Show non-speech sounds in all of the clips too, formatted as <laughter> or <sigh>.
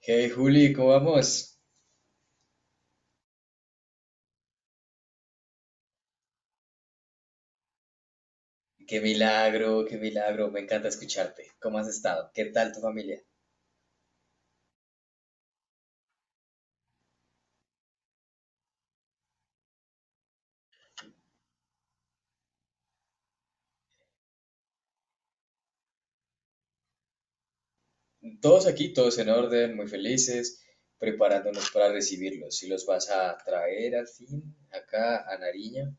Hey Juli, ¿cómo vamos? Qué milagro, me encanta escucharte. ¿Cómo has estado? ¿Qué tal tu familia? Todos aquí, todos en orden, muy felices, preparándonos para recibirlos. ¿Si los vas a traer al fin acá a Nariño?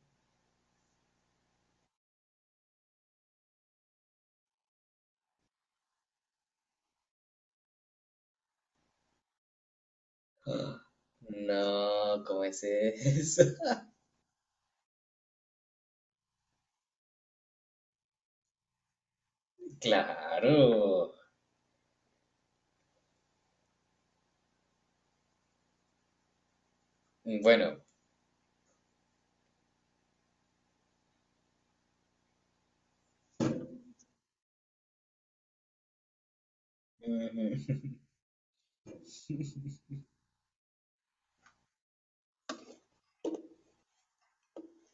Ah, no, ¿cómo es eso? <laughs> Claro. Bueno,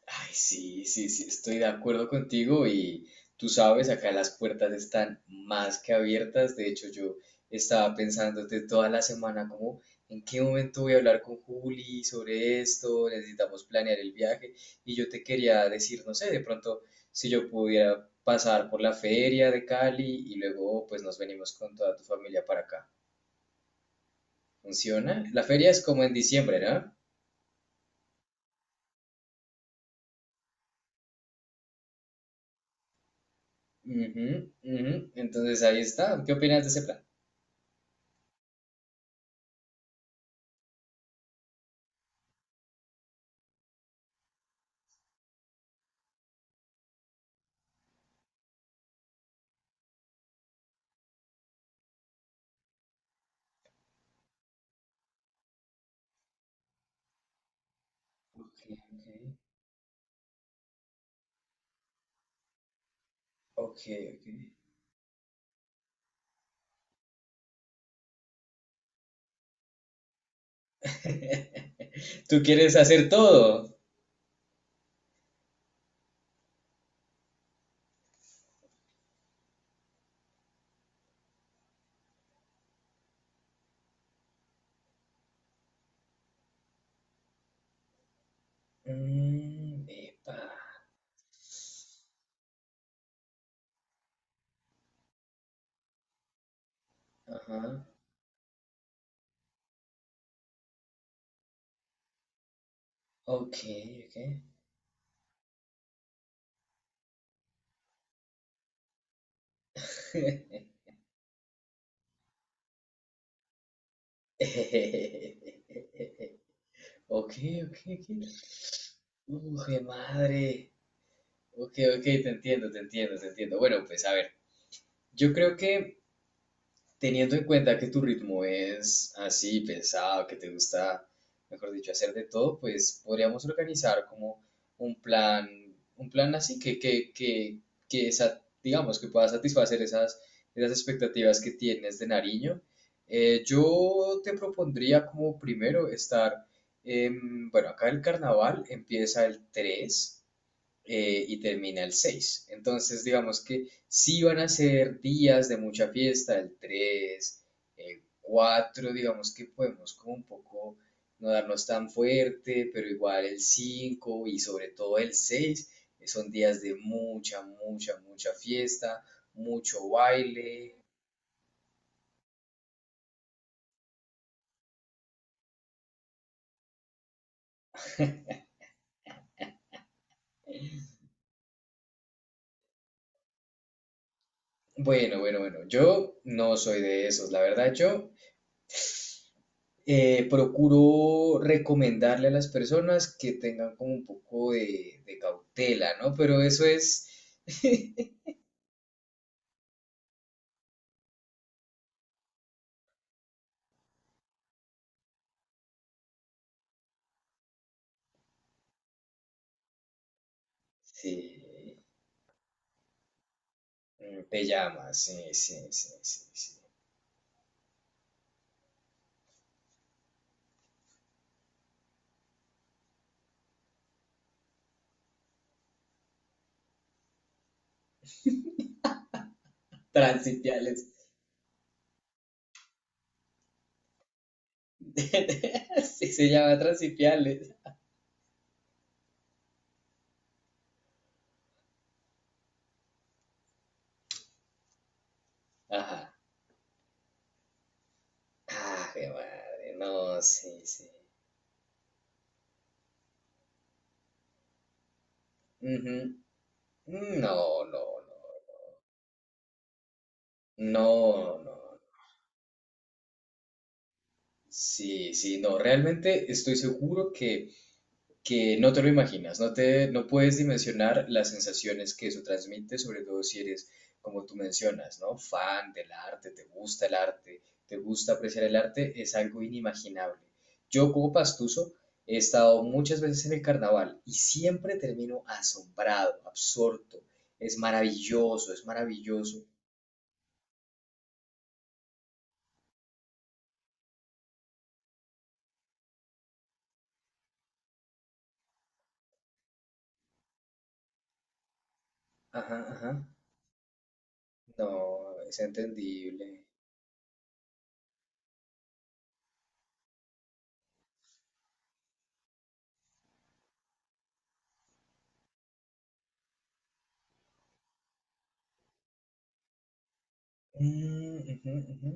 ay, sí, sí, sí, estoy de acuerdo contigo y tú sabes, acá las puertas están más que abiertas. De hecho, yo estaba pensando de toda la semana como en qué momento voy a hablar con Juli sobre esto, necesitamos planear el viaje y yo te quería decir, no sé, de pronto si yo pudiera pasar por la feria de Cali y luego pues nos venimos con toda tu familia para acá. ¿Funciona? La feria es como en diciembre, ¿no? Ujú, ujú. Entonces ahí está. ¿Qué opinas de ese plan? Ok, ok. Ok, ok. <laughs> ¿Tú quieres hacer todo? Mm, epa. Ajá. Ok, ok. <laughs> Ok, ok, ok. Uf, de madre. Ok, ok, te entiendo, te entiendo, te entiendo. Bueno, pues a ver, yo creo que teniendo en cuenta que tu ritmo es así, pesado, que te gusta, mejor dicho, hacer de todo, pues podríamos organizar como un plan, un plan así digamos, que pueda satisfacer esas, esas expectativas que tienes de Nariño. Yo te propondría como primero estar, bueno, acá el carnaval empieza el 3 y termina el 6. Entonces, digamos que sí van a ser días de mucha fiesta, el 3, el 4 digamos que podemos como un poco no darnos tan fuerte, pero igual el 5 y sobre todo el 6 son días de mucha, mucha, mucha fiesta, mucho baile. Bueno, bueno, bueno, yo no soy de esos, la verdad, yo procuro recomendarle a las personas que tengan como un poco de cautela, ¿no? Pero eso es, sí, mm, te llama, sí, sí, sí, sí, sí. Transipiales. <laughs> Sí, se llama transipiales. Ajá. Ah, qué madre, no, sí, sí. Ujú. No, no, no, no, no. Sí, sí, no, realmente estoy seguro que no te lo imaginas, no te, no puedes dimensionar las sensaciones que eso transmite, sobre todo si eres, como tú mencionas, ¿no? Fan del arte, te gusta el arte, te gusta apreciar el arte, es algo inimaginable. Yo como pastuso he estado muchas veces en el carnaval y siempre termino asombrado, absorto. Es maravilloso, es maravilloso. Ajá, ajá. No, es entendible. Mm, ujú, ujú.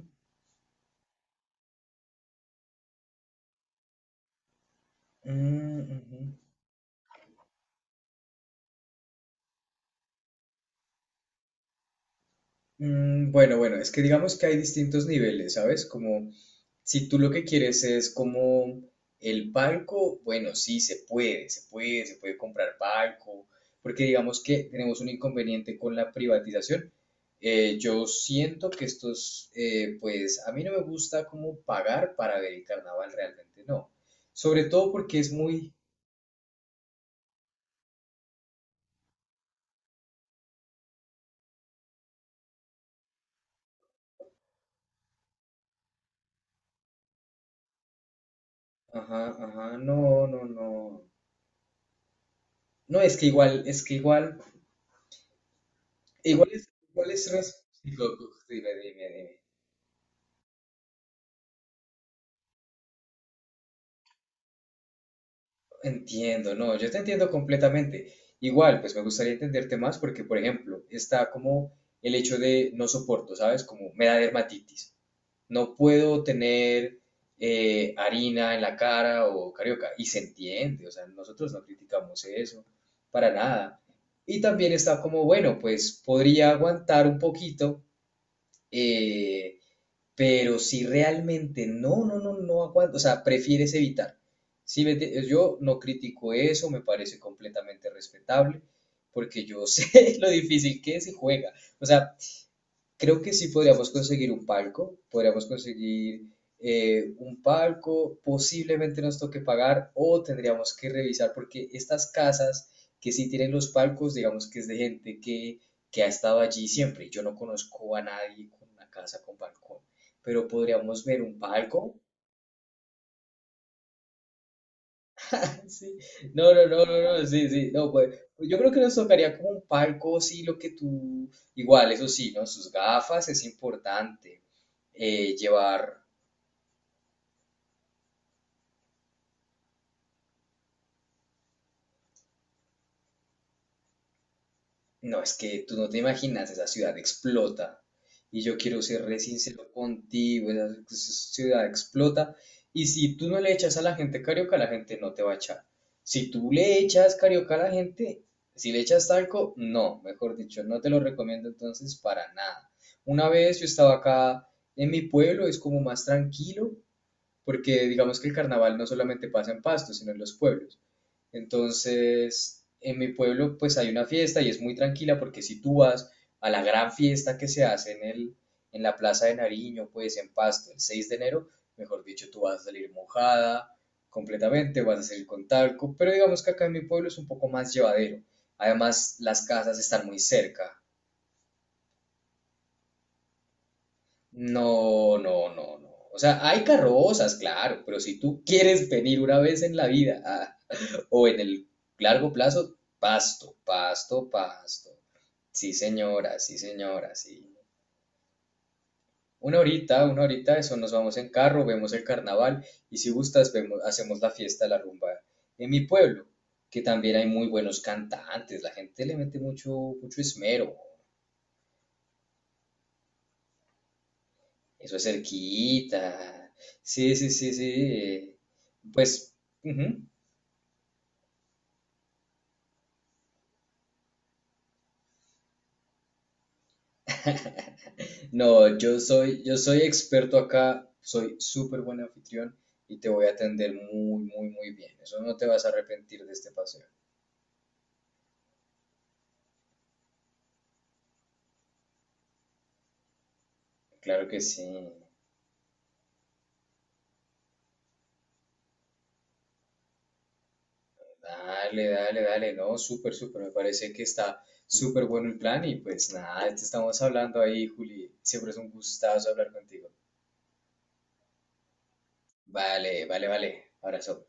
Mm, ujú. Mm, bueno, bueno, es que digamos que hay distintos niveles, ¿sabes? Como si tú lo que quieres es como el palco, bueno, sí, se puede, se puede, se puede comprar palco, porque digamos que tenemos un inconveniente con la privatización. Yo siento que estos, pues a mí no me gusta como pagar para ver el carnaval, realmente no. Sobre todo porque es muy... Ajá, ajá, no, no, no. No, es que igual, es que igual. Igual es res- sí, co- Dime, dime, dime. Entiendo, no, yo te entiendo completamente. Igual, pues me gustaría entenderte más porque, por ejemplo, está como el hecho de no soporto, ¿sabes? Como me da dermatitis. No puedo tener harina en la cara o carioca. Y se entiende, o sea, nosotros no criticamos eso para nada. Y también está como, bueno, pues podría aguantar un poquito. eh, pero si realmente no, no, no, no aguanto, o sea, prefieres evitar. Yo no critico eso, me parece completamente respetable, porque yo <laughs> sé lo difícil que se juega. O sea, creo que sí podríamos conseguir un palco, podríamos conseguir un palco, posiblemente nos toque pagar o tendríamos que revisar porque estas casas que sí tienen los palcos, digamos que es de gente que ha estado allí siempre. Yo no conozco a nadie con una casa con balcón, pero podríamos ver un palco. <laughs> Sí. No, no, no, no, no, sí, sí, no, pues yo creo que nos tocaría como un palco, sí, lo que tú, igual, eso sí, ¿no? Sus gafas es importante, llevar. No, es que tú no te imaginas, esa ciudad explota. Y yo quiero ser re sincero contigo, esa ciudad explota. Y si tú no le echas a la gente carioca, la gente no te va a echar. Si tú le echas carioca a la gente, si le echas talco, no, mejor dicho, no te lo recomiendo entonces para nada. Una vez yo estaba acá en mi pueblo, es como más tranquilo, porque digamos que el carnaval no solamente pasa en Pasto, sino en los pueblos. Entonces, en mi pueblo pues hay una fiesta y es muy tranquila porque si tú vas a la gran fiesta que se hace en la Plaza de Nariño, pues en Pasto, el 6 de enero, mejor dicho, tú vas a salir mojada completamente, vas a salir con talco, pero digamos que acá en mi pueblo es un poco más llevadero. Además, las casas están muy cerca. No, no, no, no. O sea, hay carrozas, claro, pero si tú quieres venir una vez en la vida a o en el largo plazo, Pasto, Pasto, Pasto. Sí, señora, sí, señora, sí. Una horita, eso nos vamos en carro, vemos el carnaval y si gustas hacemos la fiesta, la rumba en mi pueblo, que también hay muy buenos cantantes, la gente le mete mucho, mucho esmero, eso es cerquita. Sí, sí, sí, sí. Pues, ujú. <laughs> No, yo soy experto acá, soy súper buen anfitrión y te voy a atender muy, muy, muy bien. Eso no te vas a arrepentir de este paseo. Claro que sí. Dale, dale, dale. No, súper, súper. Me parece que está súper bueno el plan y pues nada, te estamos hablando ahí, Juli. Siempre es un gustazo hablar contigo. Vale, vale, vale. Abrazo.